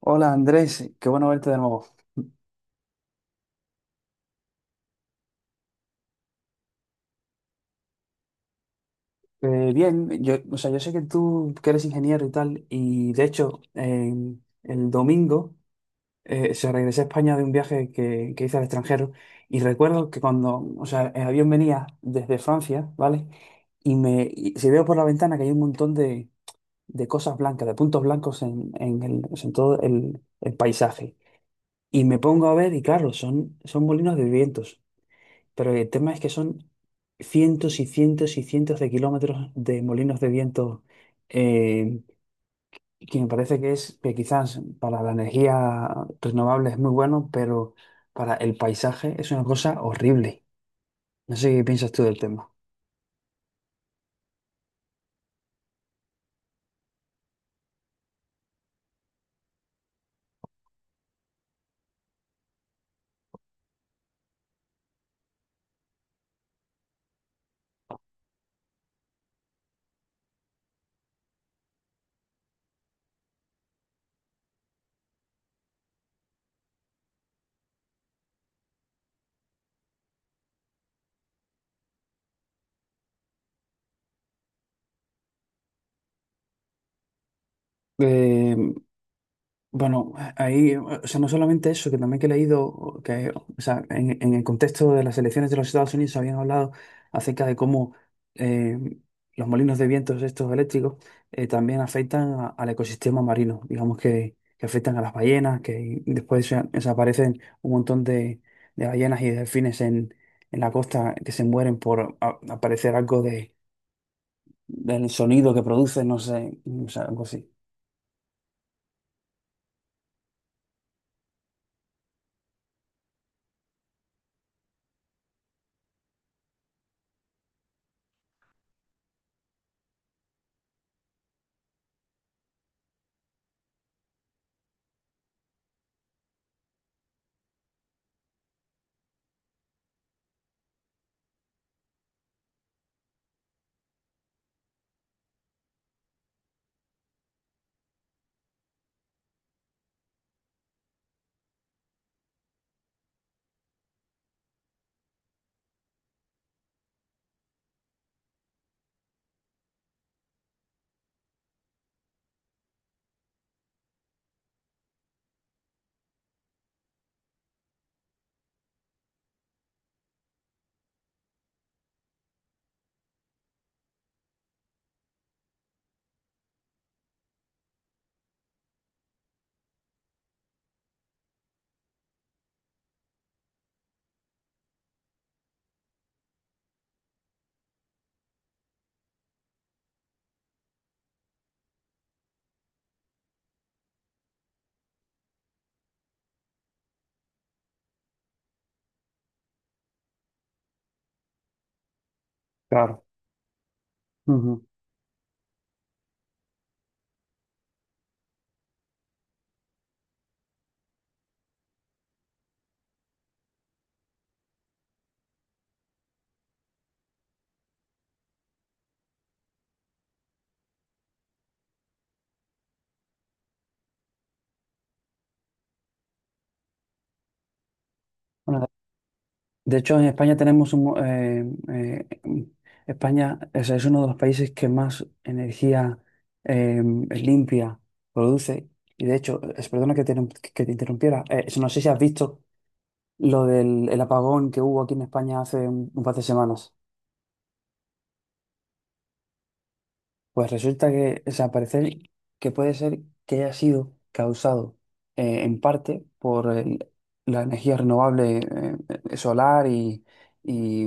Hola Andrés, qué bueno verte de nuevo. Bien, yo, o sea, yo sé que tú que eres ingeniero y tal, y de hecho el domingo se regresé a España de un viaje que hice al extranjero y recuerdo que cuando, o sea, el avión venía desde Francia, ¿vale? Y si veo por la ventana que hay un montón de cosas blancas, de puntos blancos en el, o sea, en todo el paisaje. Y me pongo a ver y claro, son molinos de vientos. Pero el tema es que son cientos y cientos y cientos de kilómetros de molinos de viento, eh, que me parece que es que quizás para la energía renovable es muy bueno, pero para el paisaje es una cosa horrible. No sé qué piensas tú del tema. Eh, Bueno, ahí, o sea, no solamente eso, que también que he leído, que, o sea, en el contexto de las elecciones de los Estados Unidos habían hablado acerca de cómo eh, los molinos de vientos estos eléctricos también afectan al ecosistema marino, digamos que afectan a las ballenas, que después desaparecen un montón de ballenas y delfines en la costa que se mueren por aparecer algo de, del sonido que producen, no sé, o sea, algo así. Claro. Ujú. De hecho, en España tenemos un, eh, España o es uno de los países que más energía eh, limpia produce. Y de hecho, perdona que que te interrumpiera. No sé si has visto lo del el apagón que hubo aquí en España hace un par de semanas. Pues resulta que, o sea, parece que puede ser que haya sido causado en parte por la energía renovable solar y, y,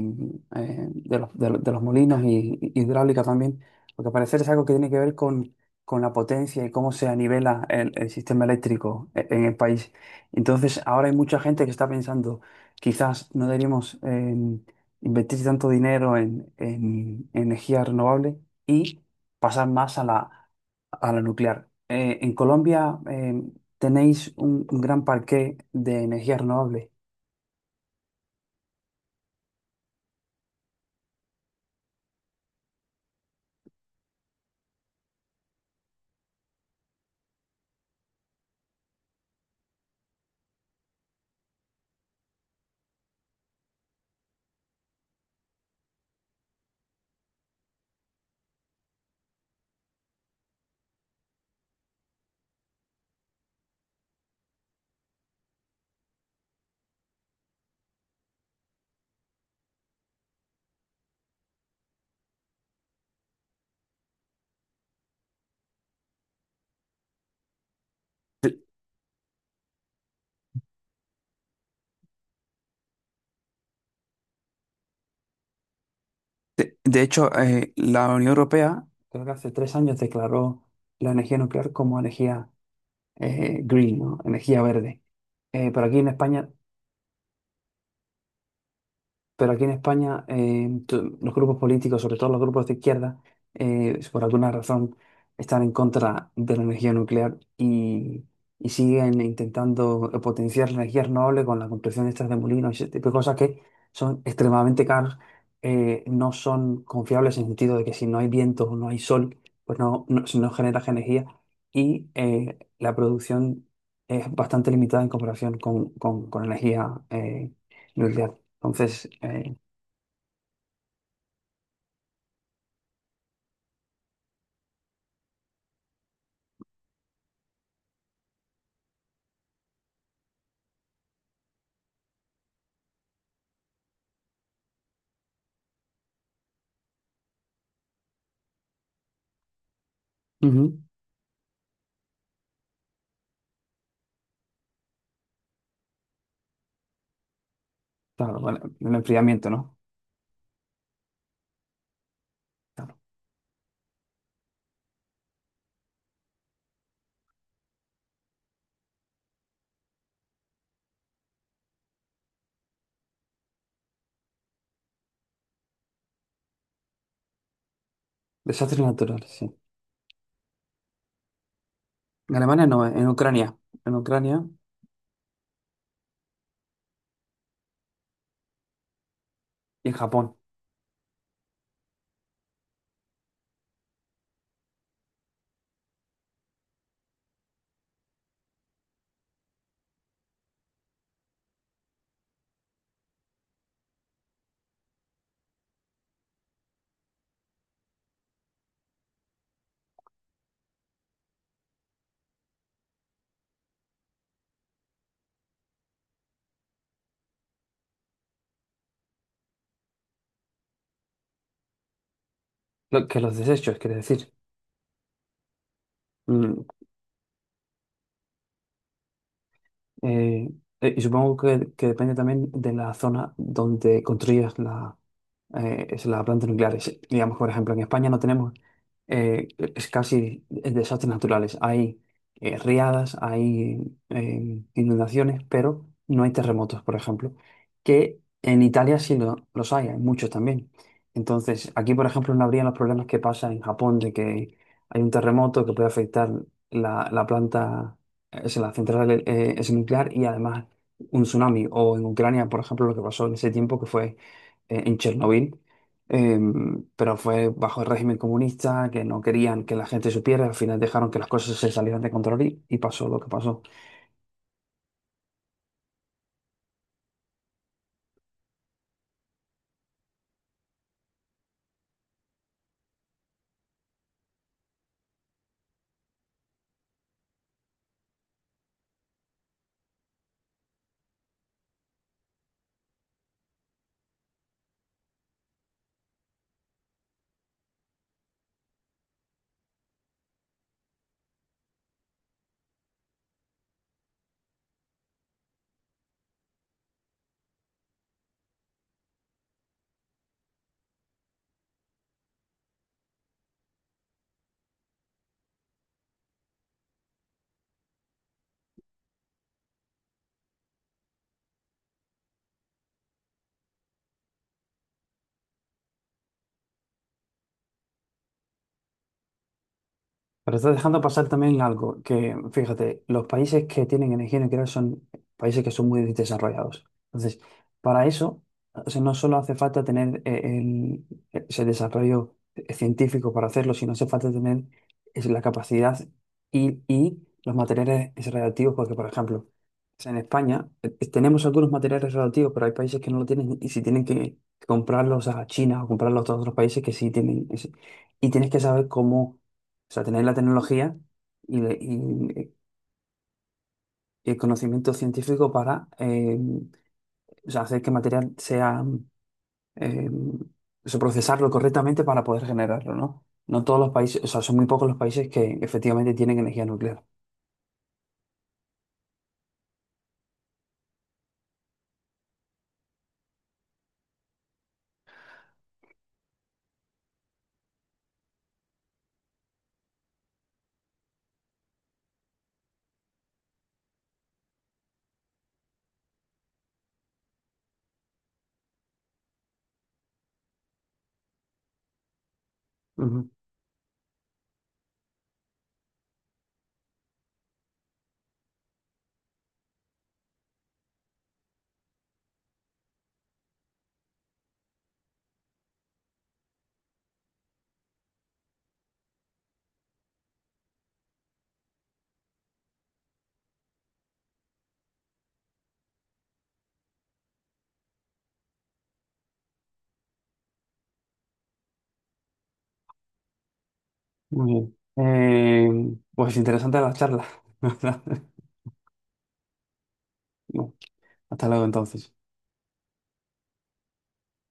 de los, de los molinos y hidráulica también, porque al parecer es algo que tiene que ver con la potencia y cómo se nivela el sistema eléctrico en el país. Entonces, ahora hay mucha gente que está pensando, quizás no deberíamos invertir tanto dinero en en energía renovable y pasar más a la nuclear. En Colombia tenéis un gran parque de energía renovable. De hecho, la Unión Europea, creo que hace tres años, declaró la energía nuclear como energía green, ¿no? Energía verde. Eh, pero aquí en España Pero aquí en España, los grupos políticos, sobre todo los grupos de izquierda, por alguna razón están en contra de la energía nuclear y siguen intentando potenciar la energía renovable con la construcción de estas de molinos y ese tipo de cosas que son extremadamente caras, no son confiables en el sentido de que si no hay viento o no hay sol, pues no, no, si no genera energía y la producción es bastante limitada en comparación con energía nuclear. Entonces, ujú, claro, bueno, el enfriamiento, ¿no? Claro. Desastres naturales, sí. En Alemania no, en Ucrania. En Ucrania y en Japón. Que los desechos, quiere decir. Mm, eh, y supongo que depende también de la zona donde construyas la, es la planta nuclear. Digamos, que, por ejemplo, en España no tenemos eh, es casi desastres naturales. Hay riadas, hay inundaciones, pero no hay terremotos, por ejemplo, que en Italia sí los hay, hay muchos también. Entonces, aquí, por ejemplo, no habría los problemas que pasa en Japón de que hay un terremoto que puede afectar la, la planta, es la central es nuclear y además un tsunami. O en Ucrania, por ejemplo, lo que pasó en ese tiempo que fue en Chernobyl, pero fue bajo el régimen comunista, que no querían que la gente supiera, al final dejaron que las cosas se salieran de control y pasó lo que pasó. Pero estás dejando pasar también algo que, fíjate, los países que tienen energía nuclear son países que son muy desarrollados. Entonces, para eso, o sea, no solo hace falta tener el, ese desarrollo científico para hacerlo, sino hace falta tener es la capacidad y los materiales radioactivos, porque, por ejemplo, o sea, en España tenemos algunos materiales radioactivos, pero hay países que no lo tienen y si tienen que comprarlos a China o comprarlos a otros países que sí tienen. Y tienes que saber cómo o sea, tenéis la tecnología y, y el conocimiento científico para o sea, hacer que el material sea, eh, o sea, procesarlo correctamente para poder generarlo, ¿no? No todos los países, o sea, son muy pocos los países que efectivamente tienen energía nuclear. Ujú. Muy bien. Pues interesante la charla. ¿Verdad? Bueno, hasta luego entonces.